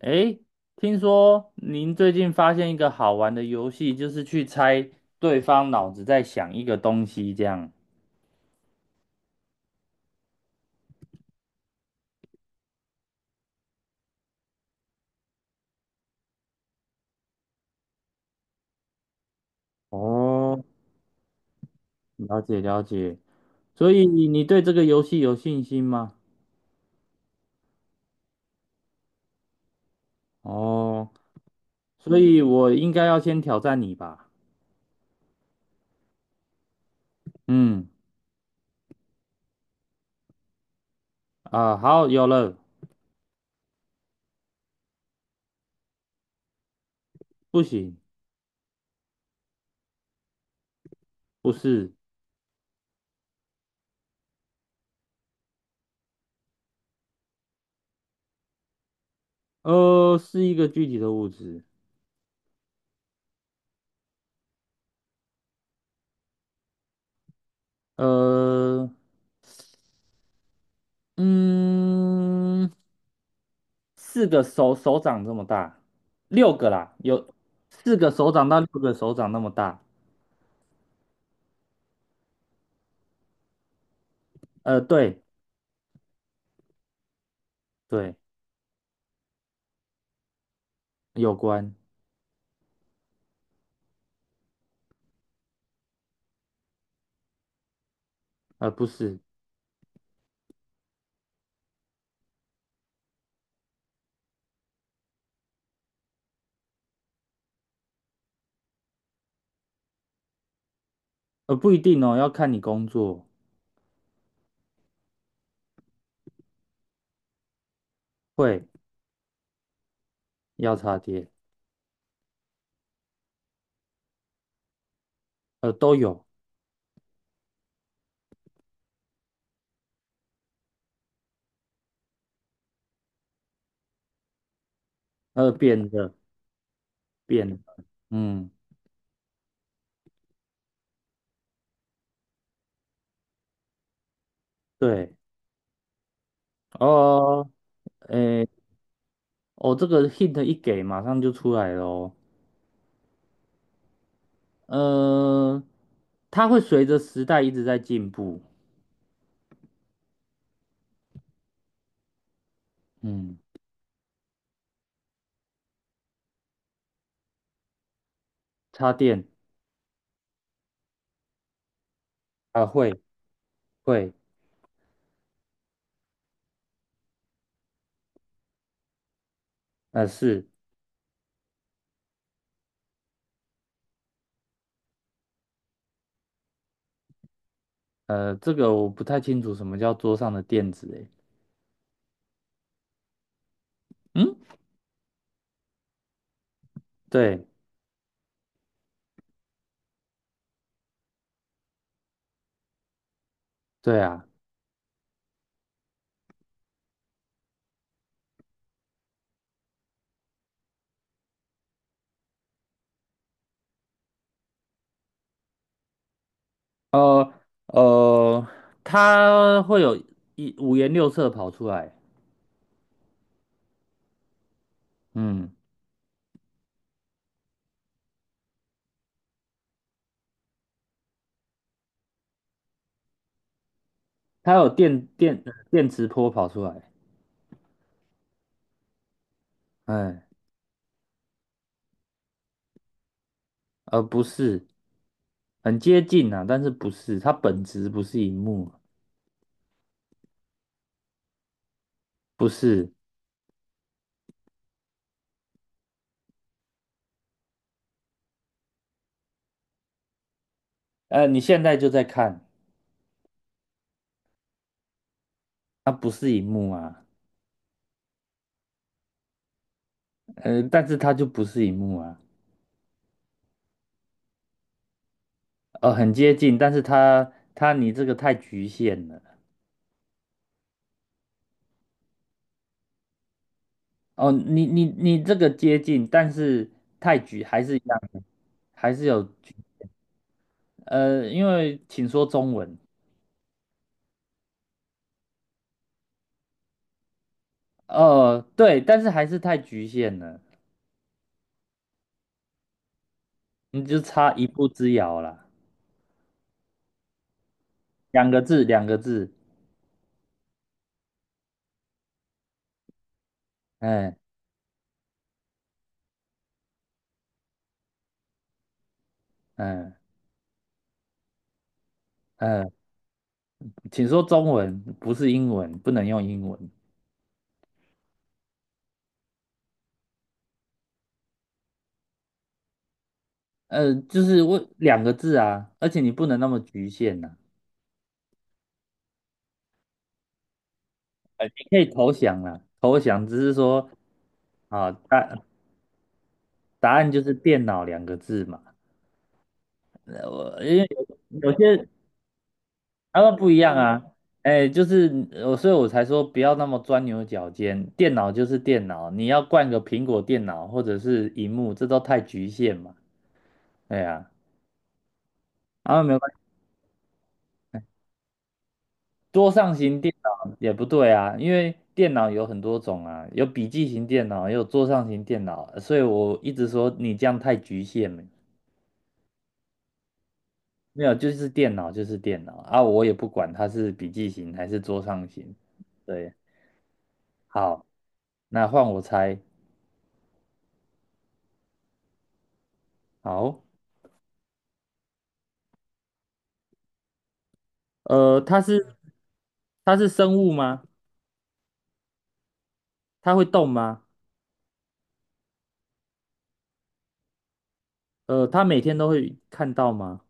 诶，听说您最近发现一个好玩的游戏，就是去猜对方脑子在想一个东西，这样。哦，了解了解。所以你对这个游戏有信心吗？哦，所以我应该要先挑战你吧。嗯，啊，好，有了。不行，不是，是一个具体的物质。呃，嗯。四个手掌这么大，六个啦，有四个手掌到六个手掌那么大。对对，有关，不是，不一定哦，要看你工作，会，要插电，都有，呃，扁的扁的，嗯，对。哦，诶，哦，这个 hint 一给，马上就出来了哦。呃，它会随着时代一直在进步。嗯，插电啊，会会，是。这个我不太清楚什么叫桌上的垫子诶。嗯，对对啊，呃呃，它会有五颜六色跑出来。嗯，它有电磁波跑出来。哎，不是，很接近啊，但是不是它本质不是荧幕啊。不是，你现在就在看。它不是荧幕啊。但是它就不是荧幕啊。很接近，但是它你这个太局限了。哦，你这个接近，但是太局还是一样的，还是有局。因为请说中文。哦，对，但是还是太局限了。你就差一步之遥了，两个字，两个字。嗯嗯嗯，请说中文，不是英文，不能用英文。就是我两个字啊，而且你不能那么局限呐、你可以投降啦，投降只是说啊。答案就是电脑两个字嘛。我因为有些他们不一样啊。哎，就是我，所以我才说不要那么钻牛角尖。电脑就是电脑，你要灌个苹果电脑或者是荧幕，这都太局限嘛。对啊，然后没关系。桌上型电脑也不对啊，因为电脑有很多种啊，有笔记型电脑，也有桌上型电脑，所以我一直说你这样太局限了。没有，就是电脑就是电脑啊，我也不管它是笔记型还是桌上型。对，好，那换我猜。好，呃，它是它是生物吗？它会动吗？它每天都会看到吗？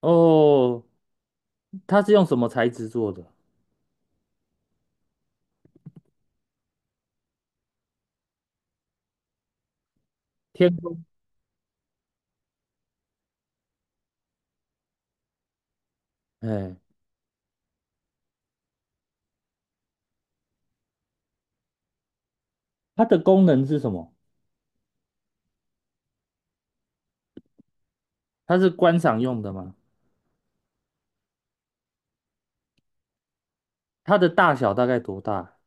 哦，它是用什么材质做的？天空。哎，它的功能是什么？它是观赏用的吗？它的大小大概多大？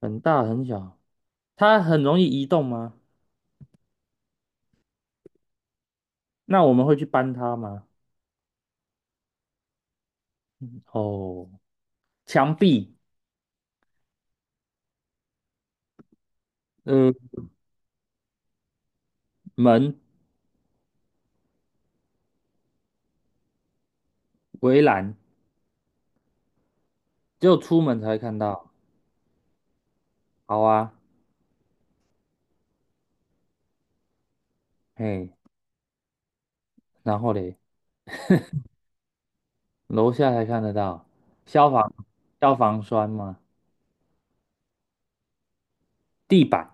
很大很小。它很容易移动吗？那我们会去搬它吗？哦，墙壁，嗯，门，围栏，只有出门才会看到。好啊，嘿，然后嘞？楼下才看得到，消防消防栓吗？地板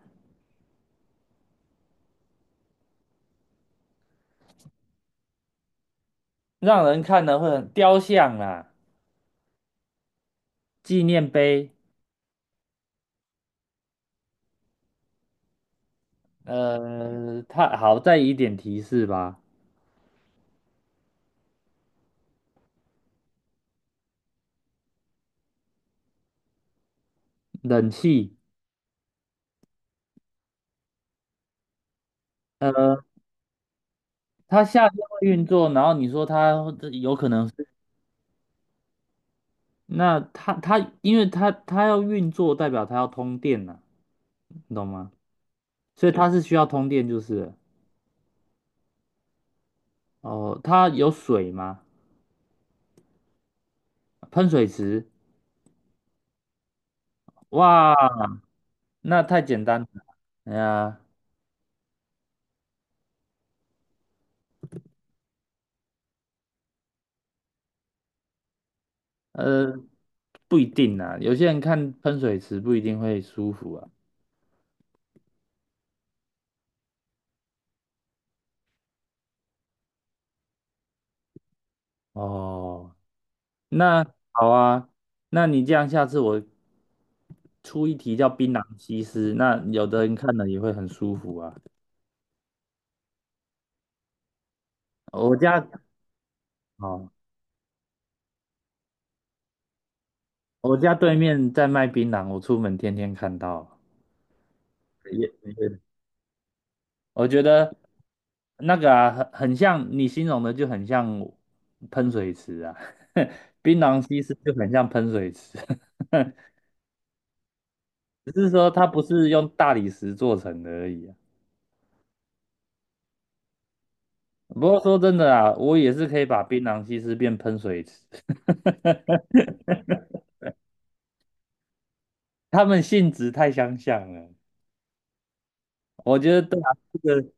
让人看了会很雕像啊，纪念碑。它好再一点提示吧。冷气。呃，它夏天会运作，然后你说它这有可能是那它因为它要运作，代表它要通电呐。你懂吗？所以它是需要通电，就是了。哦，它有水吗？喷水池。哇，那太简单了，哎呀。呃，不一定啦，有些人看喷水池不一定会舒服啊。哦，那好啊，那你这样下次我出一题叫槟榔西施，那有的人看了也会很舒服啊。我家哦，我家对面在卖槟榔，我出门天天看到。也我觉得那个啊，很像你形容的，就很像喷水池啊。槟榔西施就很像喷水池。只是说它不是用大理石做成的而已啊。不过说真的啊，我也是可以把槟榔西施变喷水池。他们性质太相像了。我觉得对啊，这个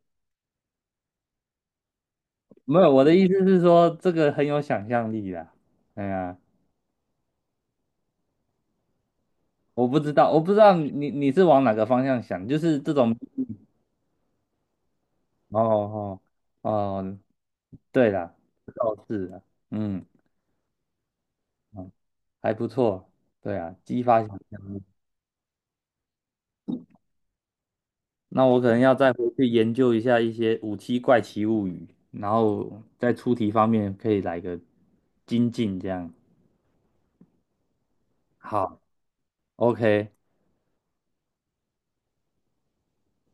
没有我的意思是说，这个很有想象力啦。哎呀，我不知道，我不知道你是往哪个方向想。就是这种哦哦哦，哦对啦，倒是啊。嗯，嗯还不错。对啊，激发想那我可能要再回去研究一下一些《五七怪奇物语》。然后在出题方面可以来个精进，这样。好，OK，